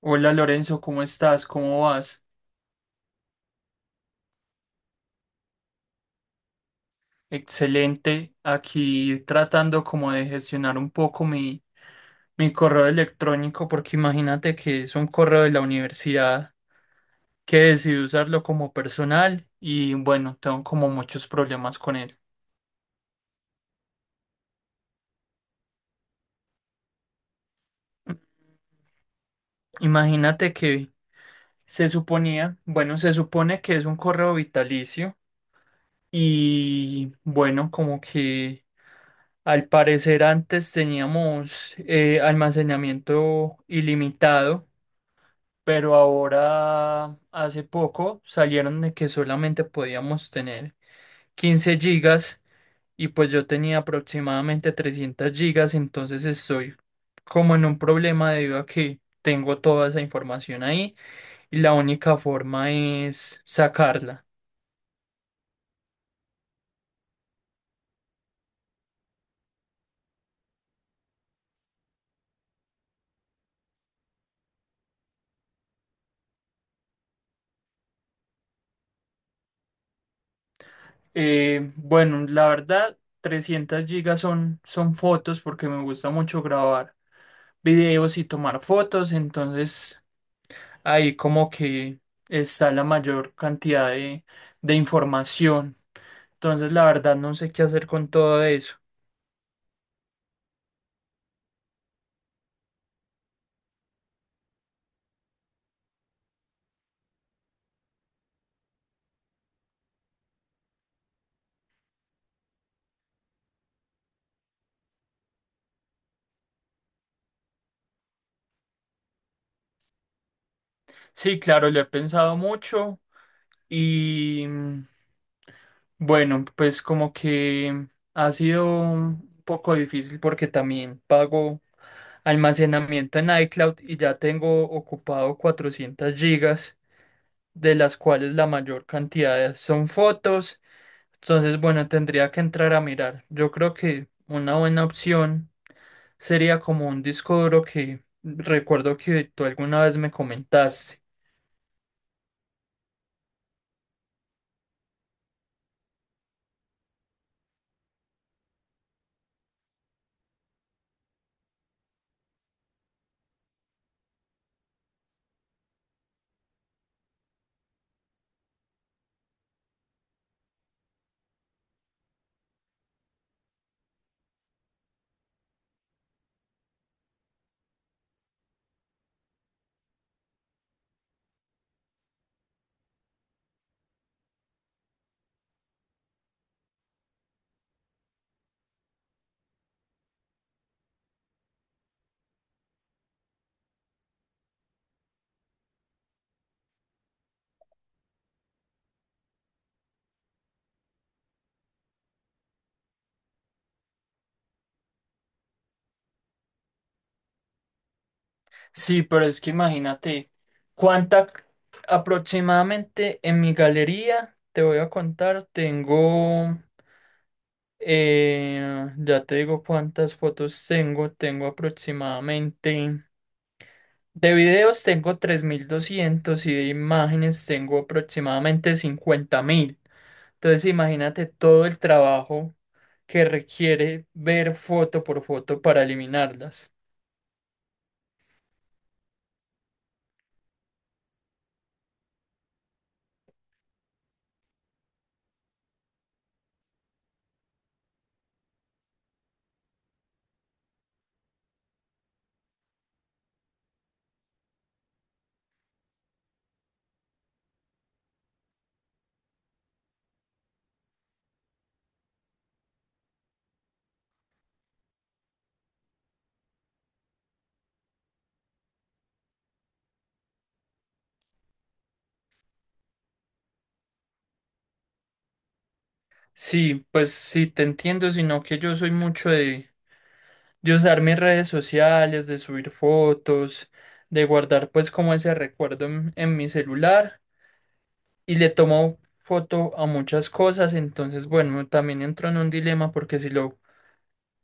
Hola Lorenzo, ¿cómo estás? ¿Cómo vas? Excelente. Aquí tratando como de gestionar un poco mi correo electrónico, porque imagínate que es un correo de la universidad que decidí usarlo como personal y bueno, tengo como muchos problemas con él. Imagínate que se suponía, bueno, se supone que es un correo vitalicio y bueno, como que. Al parecer antes teníamos almacenamiento ilimitado, pero ahora hace poco salieron de que solamente podíamos tener 15 gigas y pues yo tenía aproximadamente 300 gigas, entonces estoy como en un problema debido a que tengo toda esa información ahí y la única forma es sacarla. Bueno, la verdad, 300 gigas son fotos porque me gusta mucho grabar videos y tomar fotos, entonces ahí como que está la mayor cantidad de información. Entonces la verdad no sé qué hacer con todo eso. Sí, claro, lo he pensado mucho y bueno, pues como que ha sido un poco difícil porque también pago almacenamiento en iCloud y ya tengo ocupado 400 gigas, de las cuales la mayor cantidad son fotos. Entonces, bueno, tendría que entrar a mirar. Yo creo que una buena opción sería como un disco duro que recuerdo que tú alguna vez me comentaste. Sí, pero es que imagínate cuánta c- aproximadamente en mi galería, te voy a contar, tengo, ya te digo cuántas fotos tengo aproximadamente. De videos tengo 3.200 y de imágenes tengo aproximadamente 50.000. Entonces imagínate todo el trabajo que requiere ver foto por foto para eliminarlas. Sí, pues sí, te entiendo, sino que yo soy mucho de usar mis redes sociales, de subir fotos, de guardar pues como ese recuerdo en mi celular y le tomo foto a muchas cosas, entonces bueno, también entro en un dilema porque si lo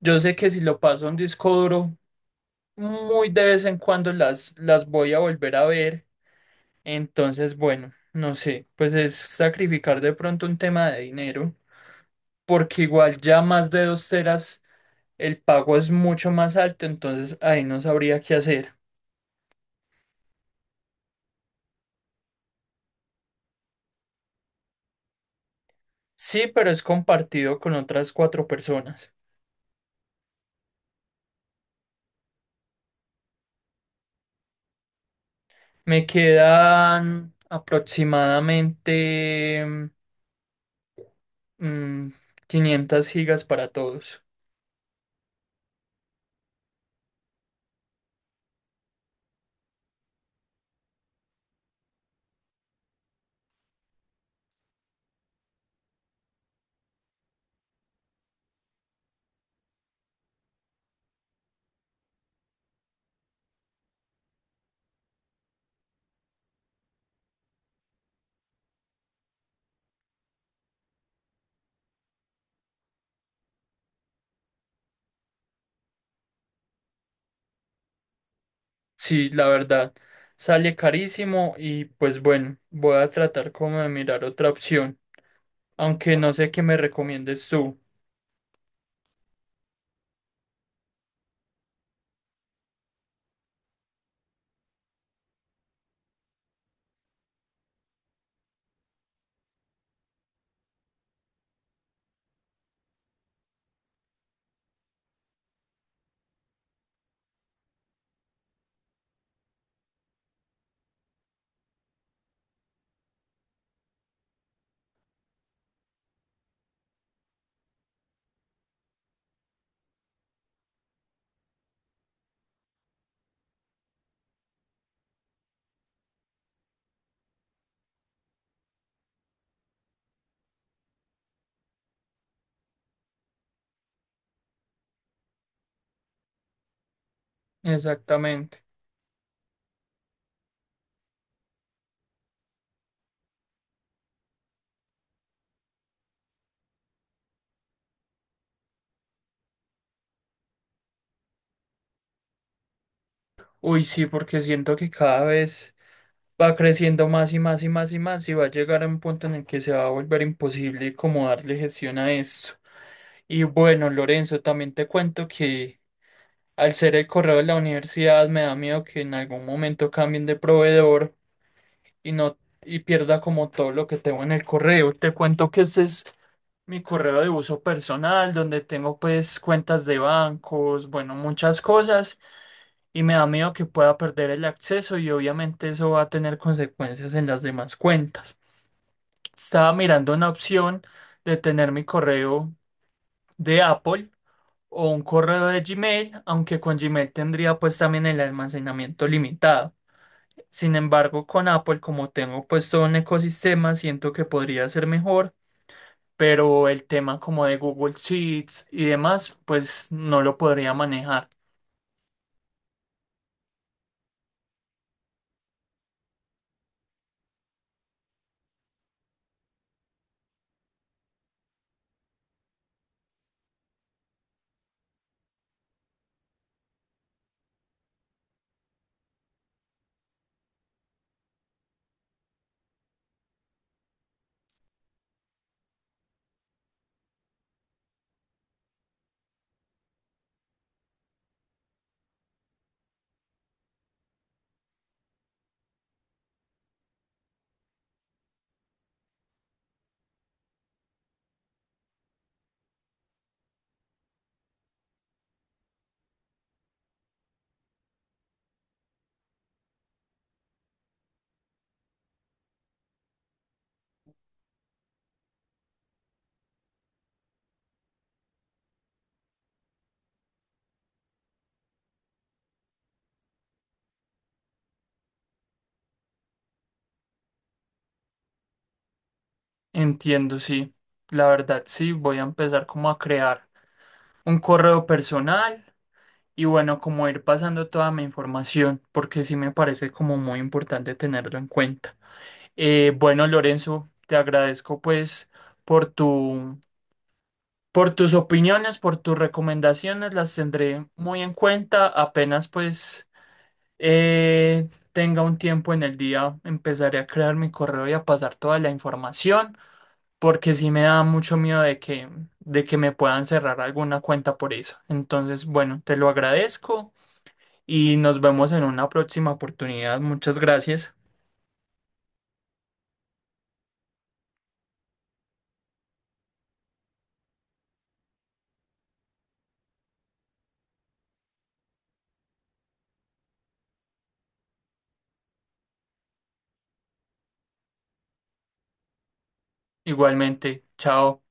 yo sé que si lo paso a un disco duro, muy de vez en cuando las voy a volver a ver. Entonces, bueno, no sé, pues es sacrificar de pronto un tema de dinero, porque igual ya más de 2 teras el pago es mucho más alto, entonces ahí no sabría qué hacer. Sí, pero es compartido con otras cuatro personas. Me quedan aproximadamente mm, 500 gigas para todos. Sí, la verdad, sale carísimo y pues bueno, voy a tratar como de mirar otra opción, aunque no sé qué me recomiendes tú. Exactamente. Uy, sí, porque siento que cada vez va creciendo más y más y más y más y va a llegar a un punto en el que se va a volver imposible como darle gestión a esto. Y bueno, Lorenzo, también te cuento que al ser el correo de la universidad me da miedo que en algún momento cambien de proveedor y no y pierda como todo lo que tengo en el correo. Te cuento que este es mi correo de uso personal, donde tengo pues cuentas de bancos, bueno, muchas cosas, y me da miedo que pueda perder el acceso y obviamente eso va a tener consecuencias en las demás cuentas. Estaba mirando una opción de tener mi correo de Apple o un correo de Gmail, aunque con Gmail tendría pues también el almacenamiento limitado. Sin embargo, con Apple, como tengo pues todo un ecosistema, siento que podría ser mejor, pero el tema como de Google Sheets y demás, pues no lo podría manejar. Entiendo, sí. La verdad, sí, voy a empezar como a crear un correo personal y bueno, como ir pasando toda mi información, porque sí me parece como muy importante tenerlo en cuenta. Bueno, Lorenzo, te agradezco pues por tu por tus opiniones, por tus recomendaciones, las tendré muy en cuenta. Apenas pues tenga un tiempo en el día, empezaré a crear mi correo y a pasar toda la información, porque sí me da mucho miedo de que, me puedan cerrar alguna cuenta por eso. Entonces, bueno, te lo agradezco y nos vemos en una próxima oportunidad. Muchas gracias. Igualmente, chao.